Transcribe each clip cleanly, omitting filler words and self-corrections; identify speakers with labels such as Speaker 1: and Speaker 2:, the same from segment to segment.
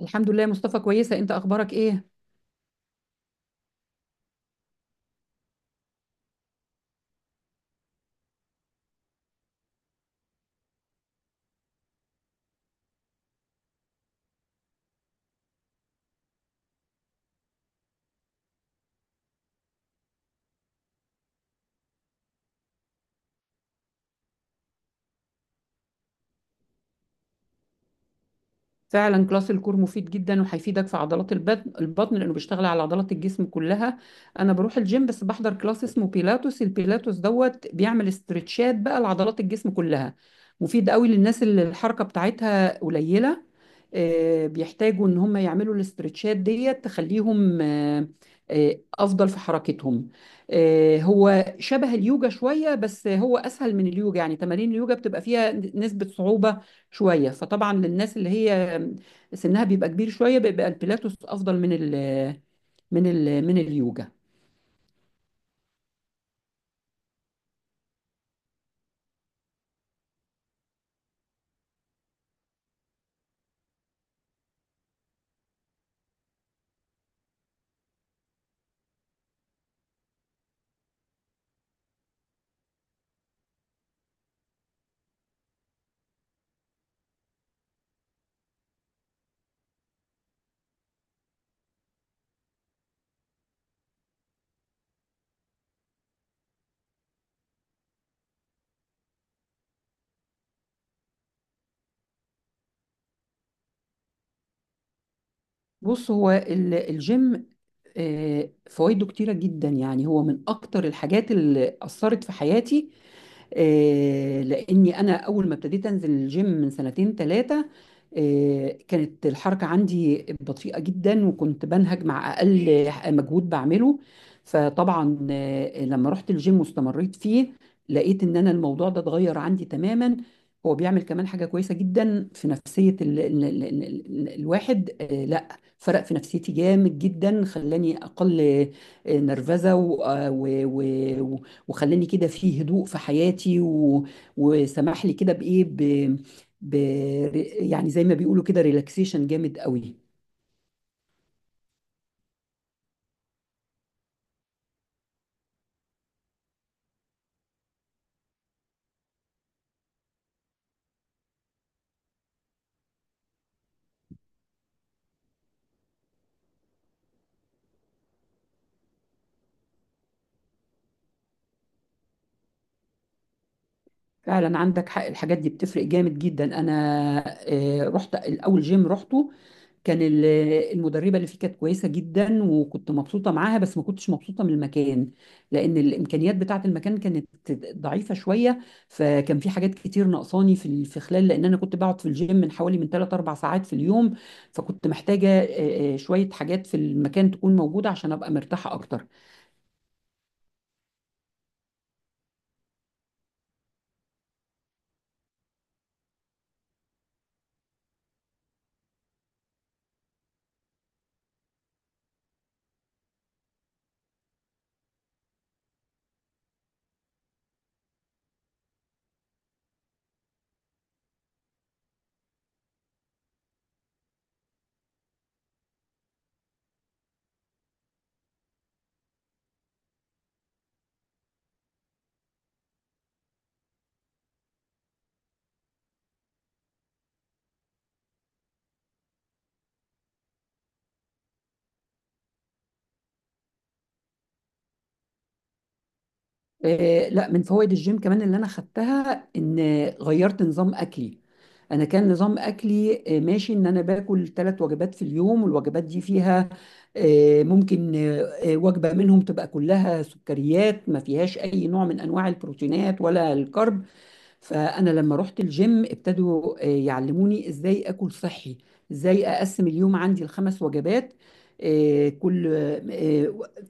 Speaker 1: الحمد لله يا مصطفى، كويسة. انت اخبارك ايه؟ فعلا كلاس الكور مفيد جدا وهيفيدك في عضلات البطن لانه بيشتغل على عضلات الجسم كلها. انا بروح الجيم، بس بحضر كلاس اسمه بيلاتوس. البيلاتوس دوت بيعمل استرتشات بقى لعضلات الجسم كلها. مفيد قوي للناس اللي الحركة بتاعتها قليلة، بيحتاجوا ان هم يعملوا الاسترتشات ديت تخليهم افضل في حركتهم. هو شبه اليوجا شوية، بس هو اسهل من اليوجا. يعني تمارين اليوجا بتبقى فيها نسبة صعوبة شوية، فطبعا للناس اللي هي سنها بيبقى كبير شوية بيبقى البيلاتوس أفضل من ال من ال من اليوجا. بص، هو الجيم فوائده كتيرة جدا. يعني هو من أكتر الحاجات اللي أثرت في حياتي، لاني انا اول ما ابتديت انزل الجيم من سنتين ثلاثه كانت الحركه عندي بطيئه جدا، وكنت بنهج مع اقل مجهود بعمله. فطبعا لما رحت الجيم واستمريت فيه، لقيت ان انا الموضوع ده اتغير عندي تماما. هو بيعمل كمان حاجه كويسه جدا في نفسيه ال ال ال ال ال الواحد. لا، فرق في نفسيتي جامد جدا، خلاني اقل نرفزه و- وخلاني كده في هدوء في حياتي وسمح لي كده بايه ب... يعني زي ما بيقولوا كده، ريلاكسيشن جامد قوي. فعلا عندك حق، الحاجات دي بتفرق جامد جدا. انا رحت الاول جيم رحته، كان المدربة اللي فيه كانت كويسة جدا، وكنت مبسوطة معاها، بس ما كنتش مبسوطة من المكان، لأن الإمكانيات بتاعة المكان كانت ضعيفة شوية. فكان في حاجات كتير ناقصاني في في خلال، لأن أنا كنت بقعد في الجيم من حوالي من 3 4 ساعات في اليوم، فكنت محتاجة شوية حاجات في المكان تكون موجودة عشان أبقى مرتاحة أكتر. لا، من فوائد الجيم كمان اللي انا خدتها ان غيرت نظام اكلي. انا كان نظام اكلي ماشي، ان انا باكل 3 وجبات في اليوم، والوجبات دي فيها آه، ممكن آه، آه، وجبه منهم تبقى كلها سكريات، ما فيهاش اي نوع من انواع البروتينات ولا الكرب. فأنا لما رحت الجيم ابتدوا يعلموني إزاي أكل صحي، إزاي أقسم اليوم عندي ال5 وجبات. كل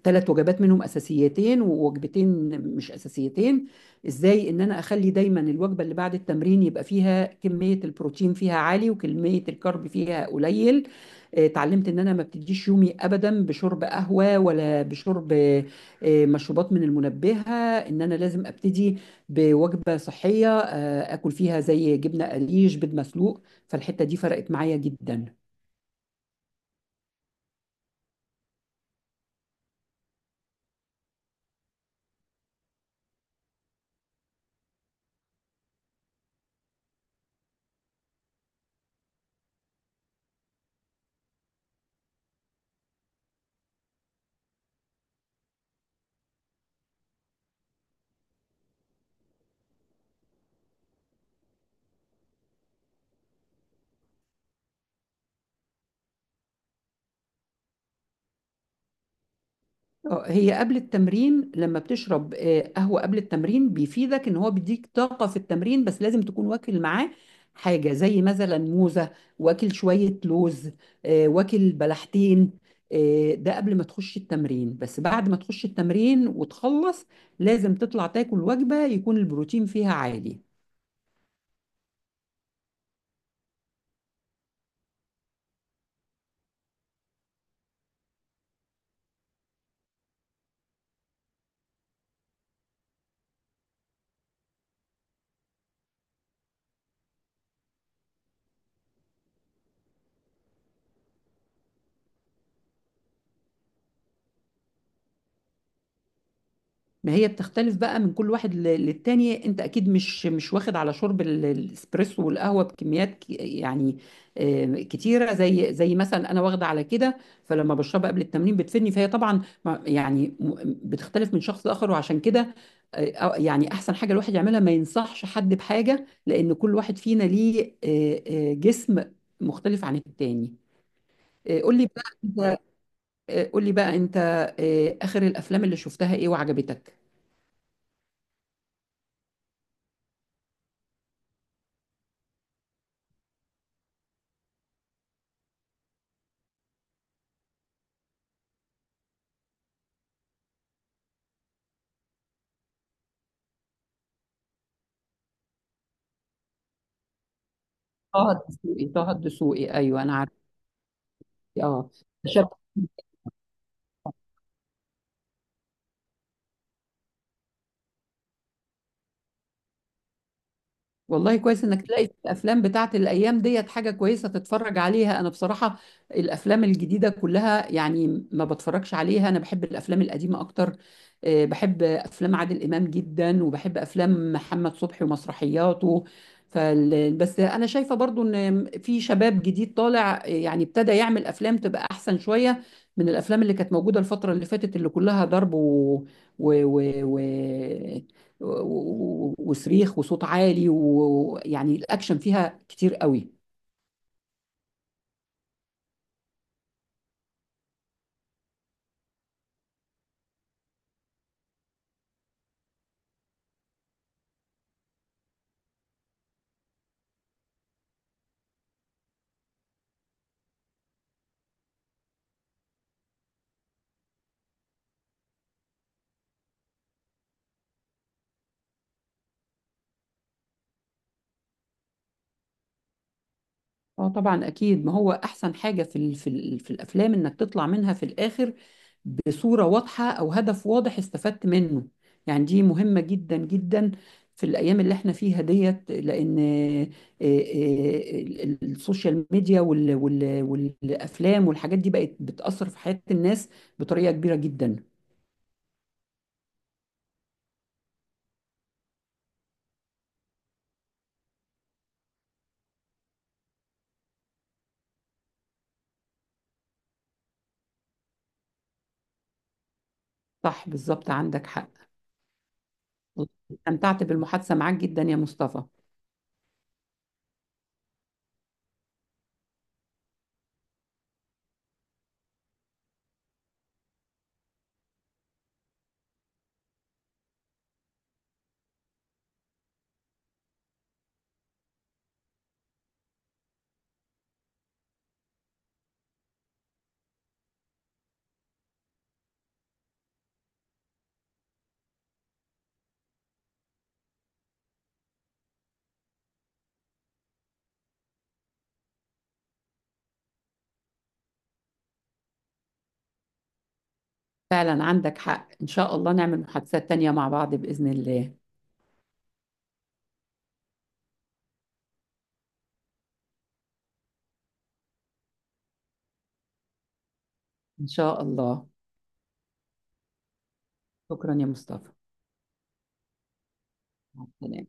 Speaker 1: 3 وجبات منهم أساسيتين، ووجبتين مش أساسيتين. إزاي إن أنا أخلي دايما الوجبة اللي بعد التمرين يبقى فيها كمية البروتين فيها عالي، وكمية الكارب فيها قليل. اتعلمت ان انا ما ابتديش يومي ابدا بشرب قهوه، ولا بشرب مشروبات من المنبهه. ان انا لازم ابتدي بوجبة صحية، آكل فيها زي جبنة قريش، بيض مسلوق. فالحتة دي فرقت معايا جدا. هي قبل التمرين، لما بتشرب قهوة قبل التمرين بيفيدك إن هو بيديك طاقة في التمرين، بس لازم تكون واكل معاه حاجة زي مثلا موزة، واكل شوية لوز، واكل بلحتين. ده قبل ما تخش التمرين، بس بعد ما تخش التمرين وتخلص لازم تطلع تاكل وجبة يكون البروتين فيها عالي. ما هي بتختلف بقى من كل واحد للتاني. انت اكيد مش واخد على شرب الاسبريسو والقهوه بكميات يعني كتيره، زي مثلا انا واخده على كده، فلما بشربها قبل التمرين بتفيدني. فهي طبعا يعني بتختلف من شخص لاخر، وعشان كده يعني احسن حاجه الواحد يعملها ما ينصحش حد بحاجه، لان كل واحد فينا ليه جسم مختلف عن التاني. آه، قول لي بقى انت قول لي بقى انت اخر الافلام اللي شفتها ايه وعجبتك؟ طه الدسوقي، طه الدسوقي، ايوه انا عارف. اه، شاب. والله كويس انك تلاقي في الافلام بتاعت الايام ديت حاجه كويسه تتفرج عليها. انا بصراحه الافلام الجديده كلها، يعني ما بتفرجش عليها. انا بحب الافلام القديمه اكتر، بحب افلام عادل امام جدا، وبحب افلام محمد صبحي ومسرحياته. بس انا شايفه برضو ان في شباب جديد طالع، يعني ابتدى يعمل افلام تبقى احسن شويه من الافلام اللي كانت موجوده الفتره اللي فاتت، اللي كلها ضرب و... و... و... وصريخ وصوت عالي، ويعني الاكشن فيها كتير قوي. اه طبعا اكيد، ما هو احسن حاجه في في الافلام انك تطلع منها في الاخر بصوره واضحه او هدف واضح استفدت منه. يعني دي مهمه جدا جدا في الايام اللي احنا فيها ديت، لان آه، ال- السوشيال ميديا والافلام والحاجات دي بقت بتاثر في حياه الناس بطريقه كبيره جدا. صح، بالظبط، عندك حق. استمتعت بالمحادثة معاك جدا يا مصطفى. فعلا عندك حق، إن شاء الله نعمل محادثات تانية مع بعض بإذن الله. إن شاء الله. شكرا يا مصطفى. مع السلامة.